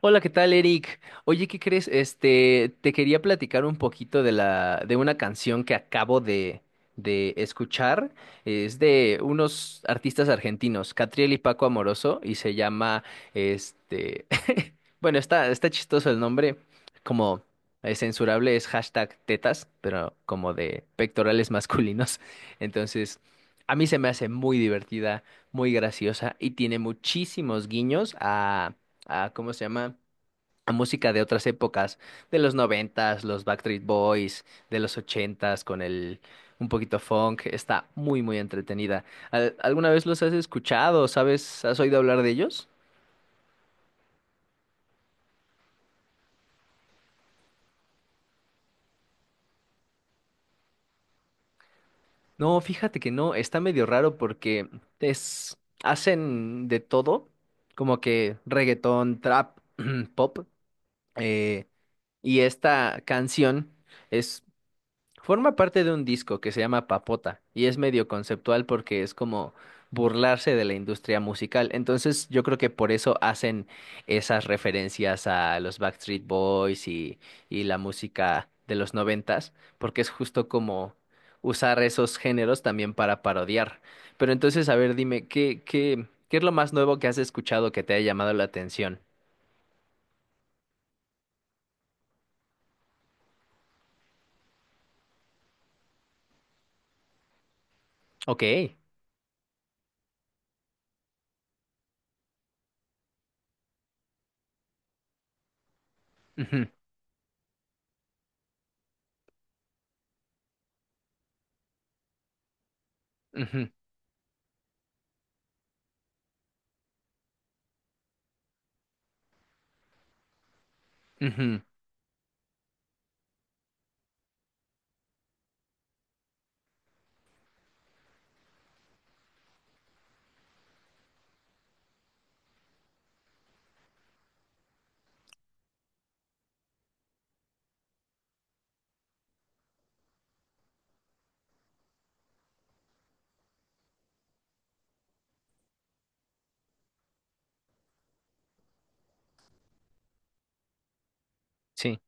Hola, ¿qué tal, Eric? Oye, ¿qué crees? Te quería platicar un poquito de una canción que acabo de escuchar. Es de unos artistas argentinos, Catriel y Paco Amoroso, y se llama, este, bueno, está chistoso el nombre, como es censurable, es hashtag tetas, pero como de pectorales masculinos. Entonces, a mí se me hace muy divertida, muy graciosa, y tiene muchísimos guiños a ¿cómo se llama? A música de otras épocas, de los noventas, los Backstreet Boys, de los ochentas, con el un poquito funk, está muy muy entretenida. ¿Alguna vez los has escuchado? ¿Sabes? ¿Has oído hablar de ellos? No, fíjate que no, está medio raro porque es hacen de todo, como que reggaetón, trap, pop, eh, y esta canción es forma parte de un disco que se llama Papota y es medio conceptual porque es como burlarse de la industria musical. Entonces yo creo que por eso hacen esas referencias a los Backstreet Boys y la música de los noventas, porque es justo como usar esos géneros también para parodiar. Pero entonces, a ver, dime, ¿qué es lo más nuevo que has escuchado que te haya llamado la atención? Ok. Ujú, ujú, ujú. Sí.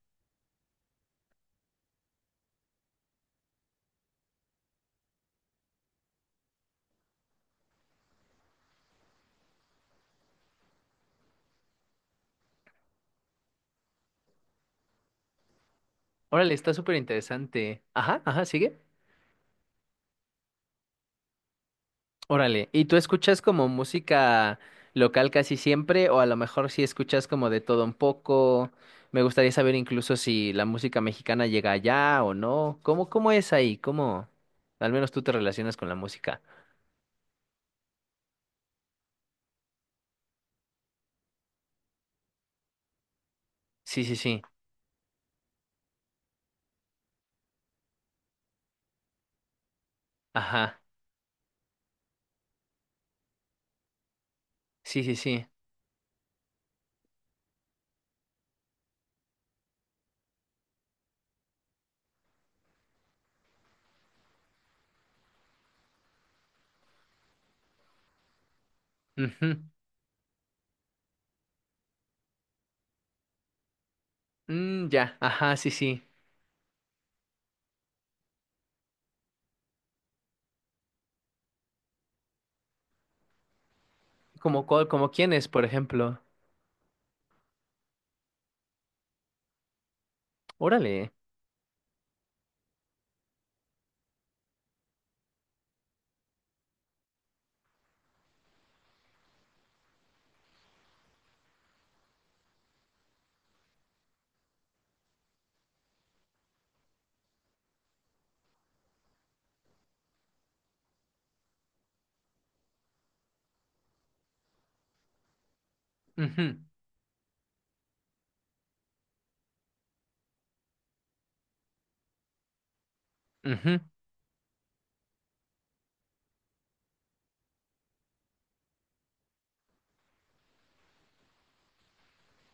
Órale, está súper interesante. Ajá, ajá, sigue. Órale, ¿y tú escuchas como música local casi siempre o a lo mejor si escuchas como de todo un poco? Me gustaría saber incluso si la música mexicana llega allá o no. ¿Cómo es ahí? ¿Cómo? Al menos tú te relacionas con la música. Sí, sí, sí. Ajá. Sí, sí, sí. Ujú. Mm, ya. Ajá, sí, sí. Como quién es, por ejemplo. Órale. Ujú. Ujú.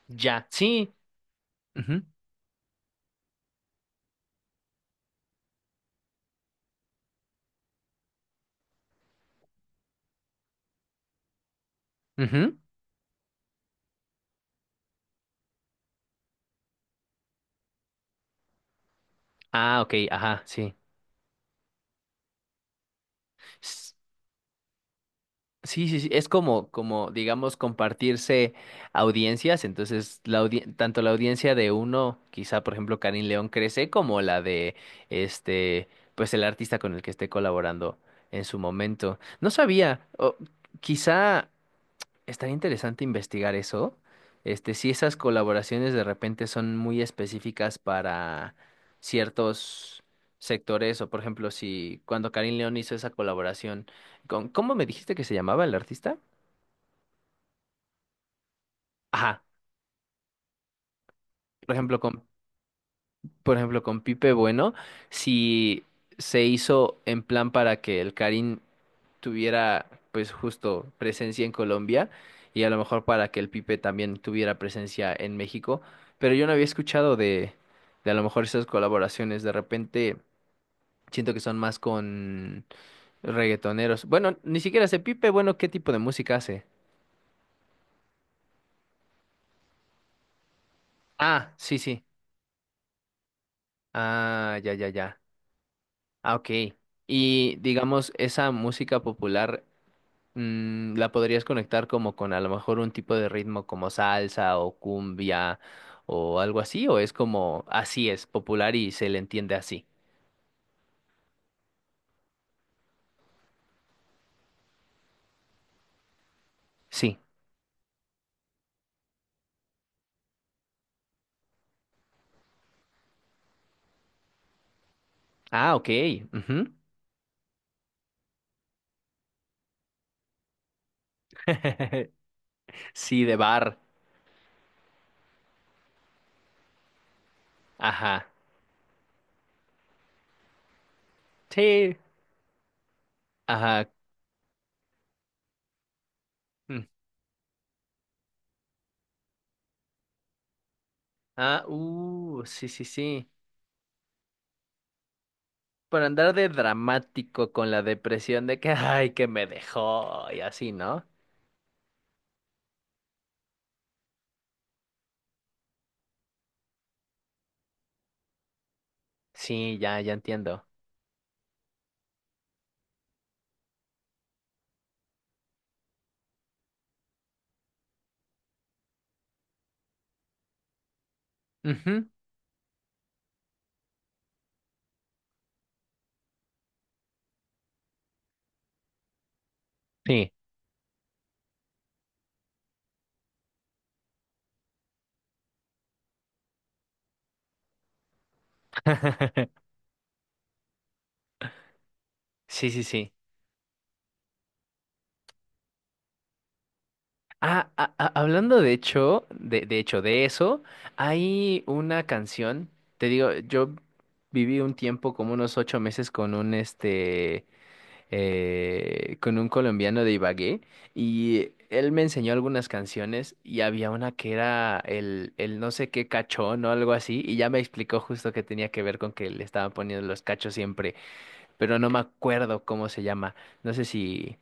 Ya. Sí. Ujú. Ujú. Ah, ok. Ajá, sí. Sí, sí, sí, es digamos, compartirse audiencias, entonces la audien- tanto la audiencia de uno, quizá por ejemplo Karim León crece, como la de este, pues el artista con el que esté colaborando en su momento. No sabía, o quizá estaría interesante investigar eso. Si esas colaboraciones de repente son muy específicas para ciertos sectores, o por ejemplo, si cuando Karim León hizo esa colaboración con, ¿cómo me dijiste que se llamaba el artista? Ajá. Por ejemplo, con por ejemplo, con Pipe Bueno, si se hizo en plan para que el Karim tuviera, pues justo, presencia en Colombia y a lo mejor para que el Pipe también tuviera presencia en México, pero yo no había escuchado de a lo mejor esas colaboraciones, de repente siento que son más con reggaetoneros. Bueno, ni siquiera sé Pipe Bueno qué tipo de música hace. Ah, sí, sí. Ah, ya, ya, ya. Ah, ok. Y digamos, esa música popular. La podrías conectar como con a lo mejor un tipo de ritmo como salsa o cumbia o algo así, o es como así es popular y se le entiende así. Sí. Ah, ok. Ujú. Sí, de bar. Ajá. Sí. Ajá. Mm. Ah, sí, sí, sí. Por andar de dramático con la depresión de que, ay, que me dejó y así, ¿no? Sí, ya, ya entiendo. Ujú. Sí. Sí, sí, sí. Ah, ah, ah, hablando de hecho, de eso, hay una canción, te digo, yo viví un tiempo, como unos 8 meses, con un colombiano de Ibagué, y él me enseñó algunas canciones, y había una que era el no sé qué cachón o algo así, y ya me explicó justo que tenía que ver con que le estaban poniendo los cachos siempre, pero no me acuerdo cómo se llama, no sé si...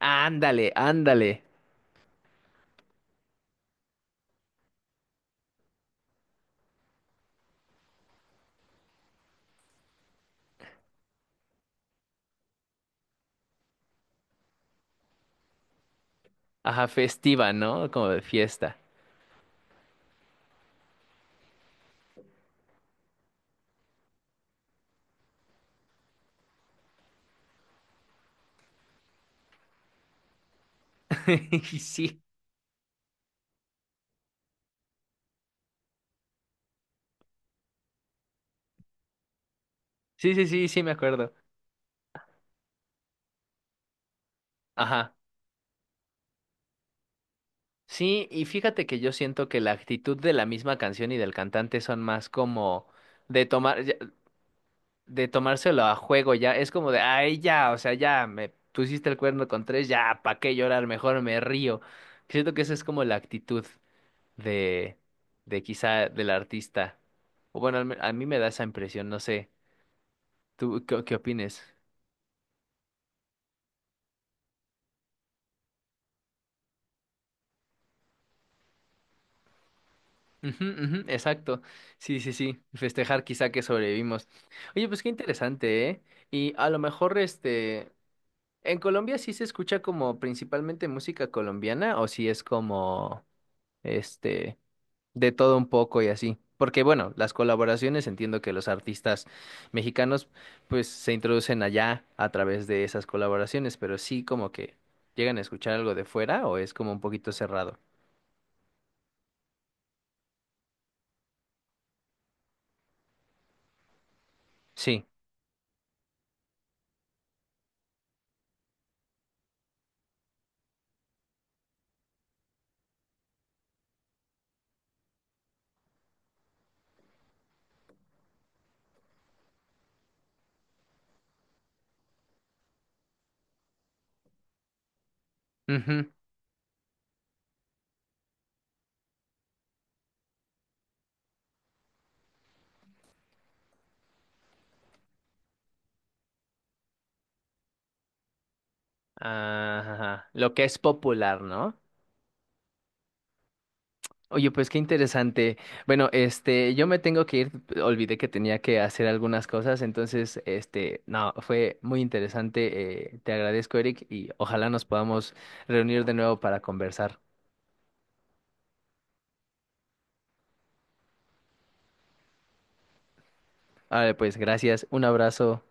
Ándale, ándale. Ajá, festiva, ¿no? Como de fiesta. Sí, sí, sí, sí, sí, me acuerdo. Ajá. Sí, y fíjate que yo siento que la actitud de la misma canción y del cantante son más como de tomar, ya- de tomárselo a juego ya. Es como de, ay, ya, o sea, ya, me pusiste el cuerno con tres, ya, ¿para qué llorar? Mejor me río. Siento que esa es como la actitud de, de quizá del artista. O bueno, a mí me da esa impresión, no sé. ¿Tú qué opines? Ujú, ujú, exacto. Sí, sí, sí. Festejar quizá que sobrevivimos. Oye, pues qué interesante, ¿eh? Y a lo mejor, en Colombia sí se escucha como principalmente música colombiana o si es como, este, de todo un poco y así. Porque bueno, las colaboraciones entiendo que los artistas mexicanos pues se introducen allá a través de esas colaboraciones, pero sí como que llegan a escuchar algo de fuera o es como un poquito cerrado. Sí. Ajá, lo que es popular, ¿no? Oye, pues qué interesante. Bueno, yo me tengo que ir, olvidé que tenía que hacer algunas cosas, entonces, no, fue muy interesante. Te agradezco, Eric, y ojalá nos podamos reunir de nuevo para conversar. Vale, pues gracias, un abrazo.